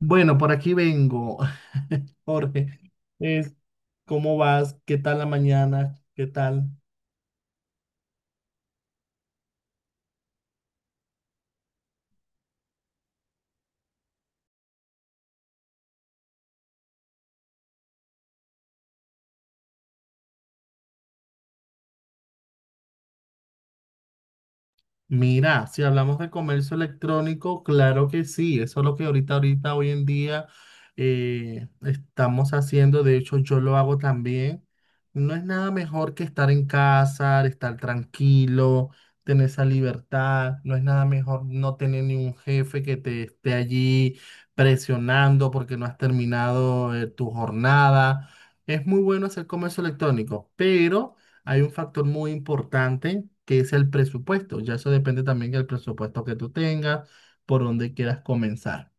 Bueno, por aquí vengo, Jorge. Es, ¿cómo vas? ¿Qué tal la mañana? ¿Qué tal? Mira, si hablamos de comercio electrónico, claro que sí, eso es lo que ahorita, ahorita, hoy en día estamos haciendo, de hecho yo lo hago también. No es nada mejor que estar en casa, estar tranquilo, tener esa libertad, no es nada mejor no tener ni un jefe que te esté allí presionando porque no has terminado tu jornada. Es muy bueno hacer comercio electrónico, pero hay un factor muy importante que es el presupuesto. Ya eso depende también del presupuesto que tú tengas, por dónde quieras comenzar.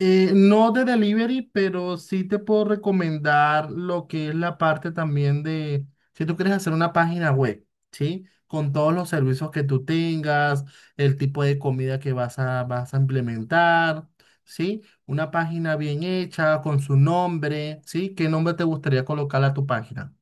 No de delivery, pero sí te puedo recomendar lo que es la parte también de, si tú quieres hacer una página web, ¿sí? Con todos los servicios que tú tengas, el tipo de comida que vas a, vas a implementar, ¿sí? Una página bien hecha, con su nombre, ¿sí? ¿Qué nombre te gustaría colocar a tu página?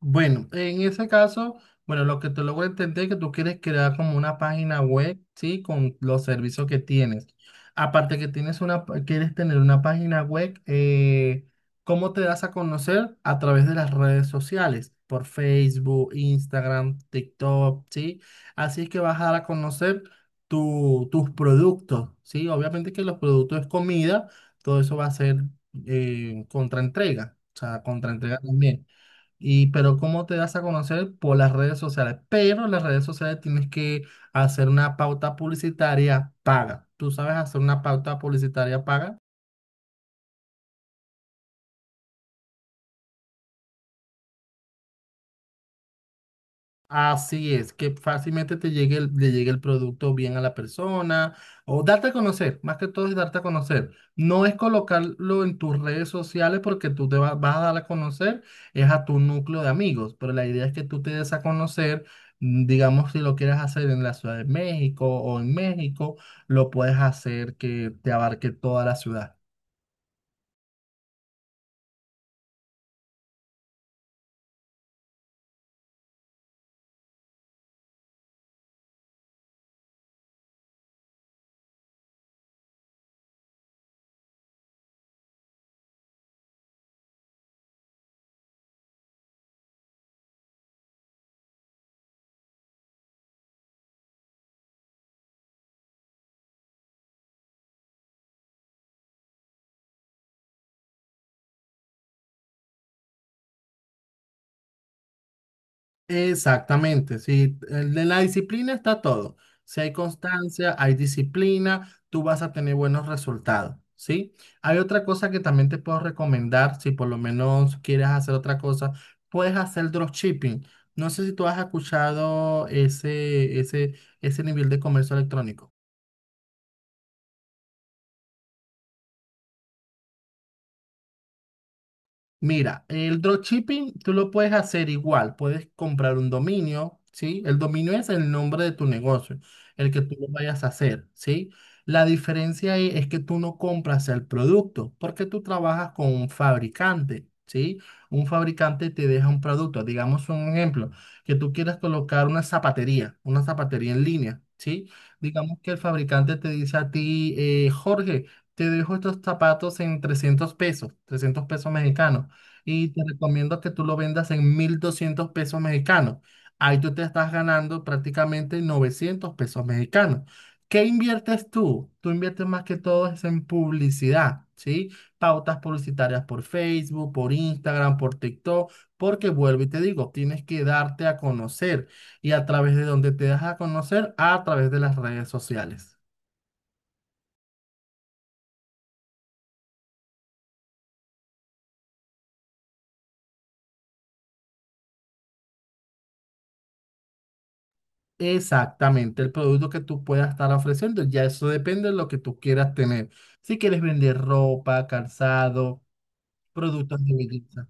Bueno, en ese caso, bueno, lo que te logro entender es que tú quieres crear como una página web, ¿sí? Con los servicios que tienes. Aparte que tienes una, quieres tener una página web, ¿cómo te das a conocer? A través de las redes sociales, por Facebook, Instagram, TikTok, ¿sí? Así es que vas a dar a conocer tus productos, ¿sí? Obviamente que los productos es comida, todo eso va a ser contraentrega, o sea, contraentrega también. Y, pero ¿cómo te das a conocer? Por las redes sociales. Pero en las redes sociales tienes que hacer una pauta publicitaria paga. ¿Tú sabes hacer una pauta publicitaria paga? Así es, que fácilmente te llegue el, le llegue el producto bien a la persona o darte a conocer, más que todo es darte a conocer. No es colocarlo en tus redes sociales porque tú vas a dar a conocer, es a tu núcleo de amigos, pero la idea es que tú te des a conocer, mm, digamos, si lo quieres hacer en la Ciudad de México o en México, lo puedes hacer que te abarque toda la ciudad. Exactamente, sí, en la disciplina está todo. Si hay constancia, hay disciplina, tú vas a tener buenos resultados, ¿sí? Hay otra cosa que también te puedo recomendar, si por lo menos quieres hacer otra cosa, puedes hacer dropshipping. No sé si tú has escuchado ese nivel de comercio electrónico. Mira, el dropshipping tú lo puedes hacer igual, puedes comprar un dominio, ¿sí? El dominio es el nombre de tu negocio, el que tú lo vayas a hacer, ¿sí? La diferencia ahí es que tú no compras el producto, porque tú trabajas con un fabricante, ¿sí? Un fabricante te deja un producto, digamos un ejemplo, que tú quieras colocar una zapatería en línea, ¿sí? Digamos que el fabricante te dice a ti, Jorge, te dejo estos zapatos en 300 pesos, 300 pesos mexicanos y te recomiendo que tú lo vendas en 1200 pesos mexicanos. Ahí tú te estás ganando prácticamente 900 pesos mexicanos. ¿Qué inviertes tú? Tú inviertes más que todo es en publicidad, ¿sí? Pautas publicitarias por Facebook, por Instagram, por TikTok, porque vuelvo y te digo, tienes que darte a conocer. ¿Y a través de donde te das a conocer? A través de las redes sociales. Exactamente, el producto que tú puedas estar ofreciendo, ya eso depende de lo que tú quieras tener. Si quieres vender ropa, calzado, productos de belleza.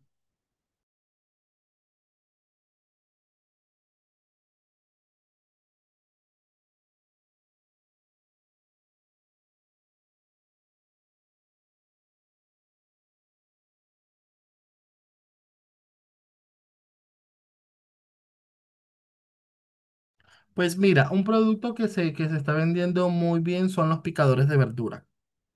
Pues mira, un producto que se está vendiendo muy bien son los picadores de verdura,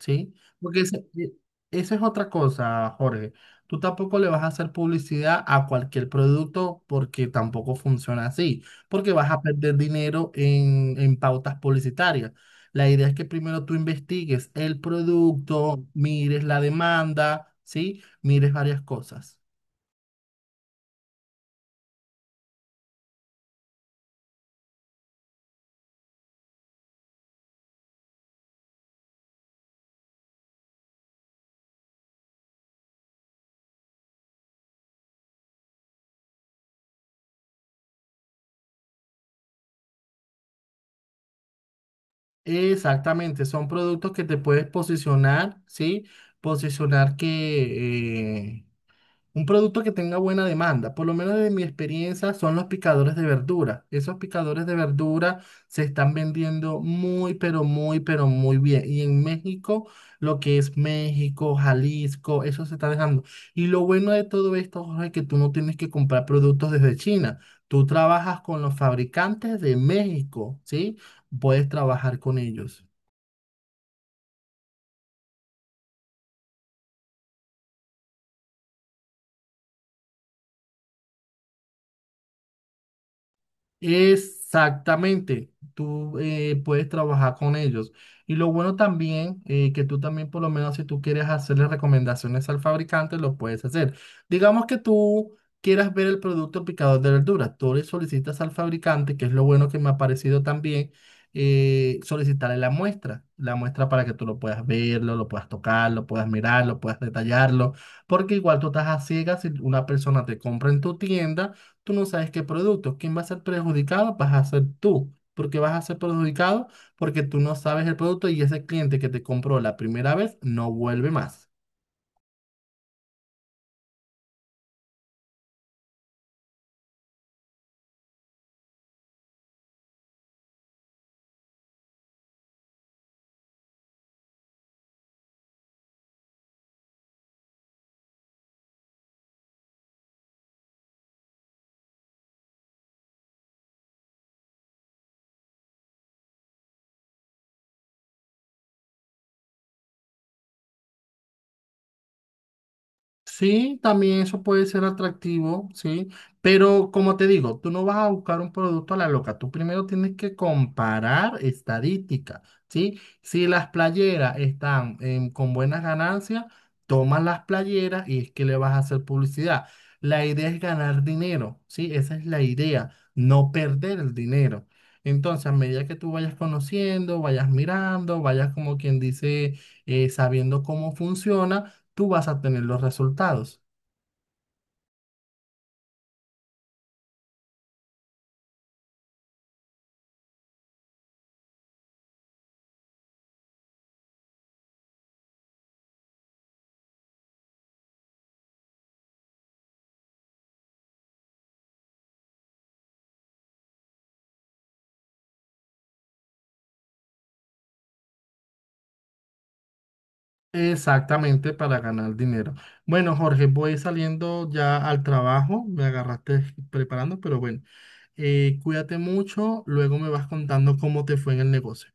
¿sí? Porque esa es otra cosa, Jorge. Tú tampoco le vas a hacer publicidad a cualquier producto porque tampoco funciona así, porque vas a perder dinero en pautas publicitarias. La idea es que primero tú investigues el producto, mires la demanda, ¿sí? Mires varias cosas. Exactamente, son productos que te puedes posicionar, ¿sí? Posicionar que, un producto que tenga buena demanda, por lo menos de mi experiencia, son los picadores de verdura. Esos picadores de verdura se están vendiendo muy, pero muy, pero muy bien. Y en México, lo que es México, Jalisco, eso se está dejando. Y lo bueno de todo esto, Jorge, es que tú no tienes que comprar productos desde China. Tú trabajas con los fabricantes de México, ¿sí? Puedes trabajar con ellos. Exactamente, tú puedes trabajar con ellos. Y lo bueno también, que tú también por lo menos si tú quieres hacerle recomendaciones al fabricante, lo puedes hacer. Digamos que tú quieras ver el producto picador de verduras, tú le solicitas al fabricante, que es lo bueno que me ha parecido también, solicitarle la muestra para que tú lo puedas verlo, lo puedas tocar, lo puedas mirar, lo puedas detallarlo, porque igual tú estás a ciegas si una persona te compra en tu tienda tú no sabes qué producto. ¿Quién va a ser perjudicado? Vas a ser tú. ¿Porque vas a ser perjudicado? Porque tú no sabes el producto y ese cliente que te compró la primera vez no vuelve más. Sí, también eso puede ser atractivo, sí, pero como te digo, tú no vas a buscar un producto a la loca, tú primero tienes que comparar estadísticas, ¿sí? Si las playeras están con buenas ganancias, tomas las playeras y es que le vas a hacer publicidad. La idea es ganar dinero, ¿sí? Esa es la idea, no perder el dinero. Entonces, a medida que tú vayas conociendo, vayas mirando, vayas como quien dice, sabiendo cómo funciona, tú vas a tener los resultados. Exactamente para ganar dinero. Bueno, Jorge, voy saliendo ya al trabajo. Me agarraste preparando, pero bueno, cuídate mucho. Luego me vas contando cómo te fue en el negocio.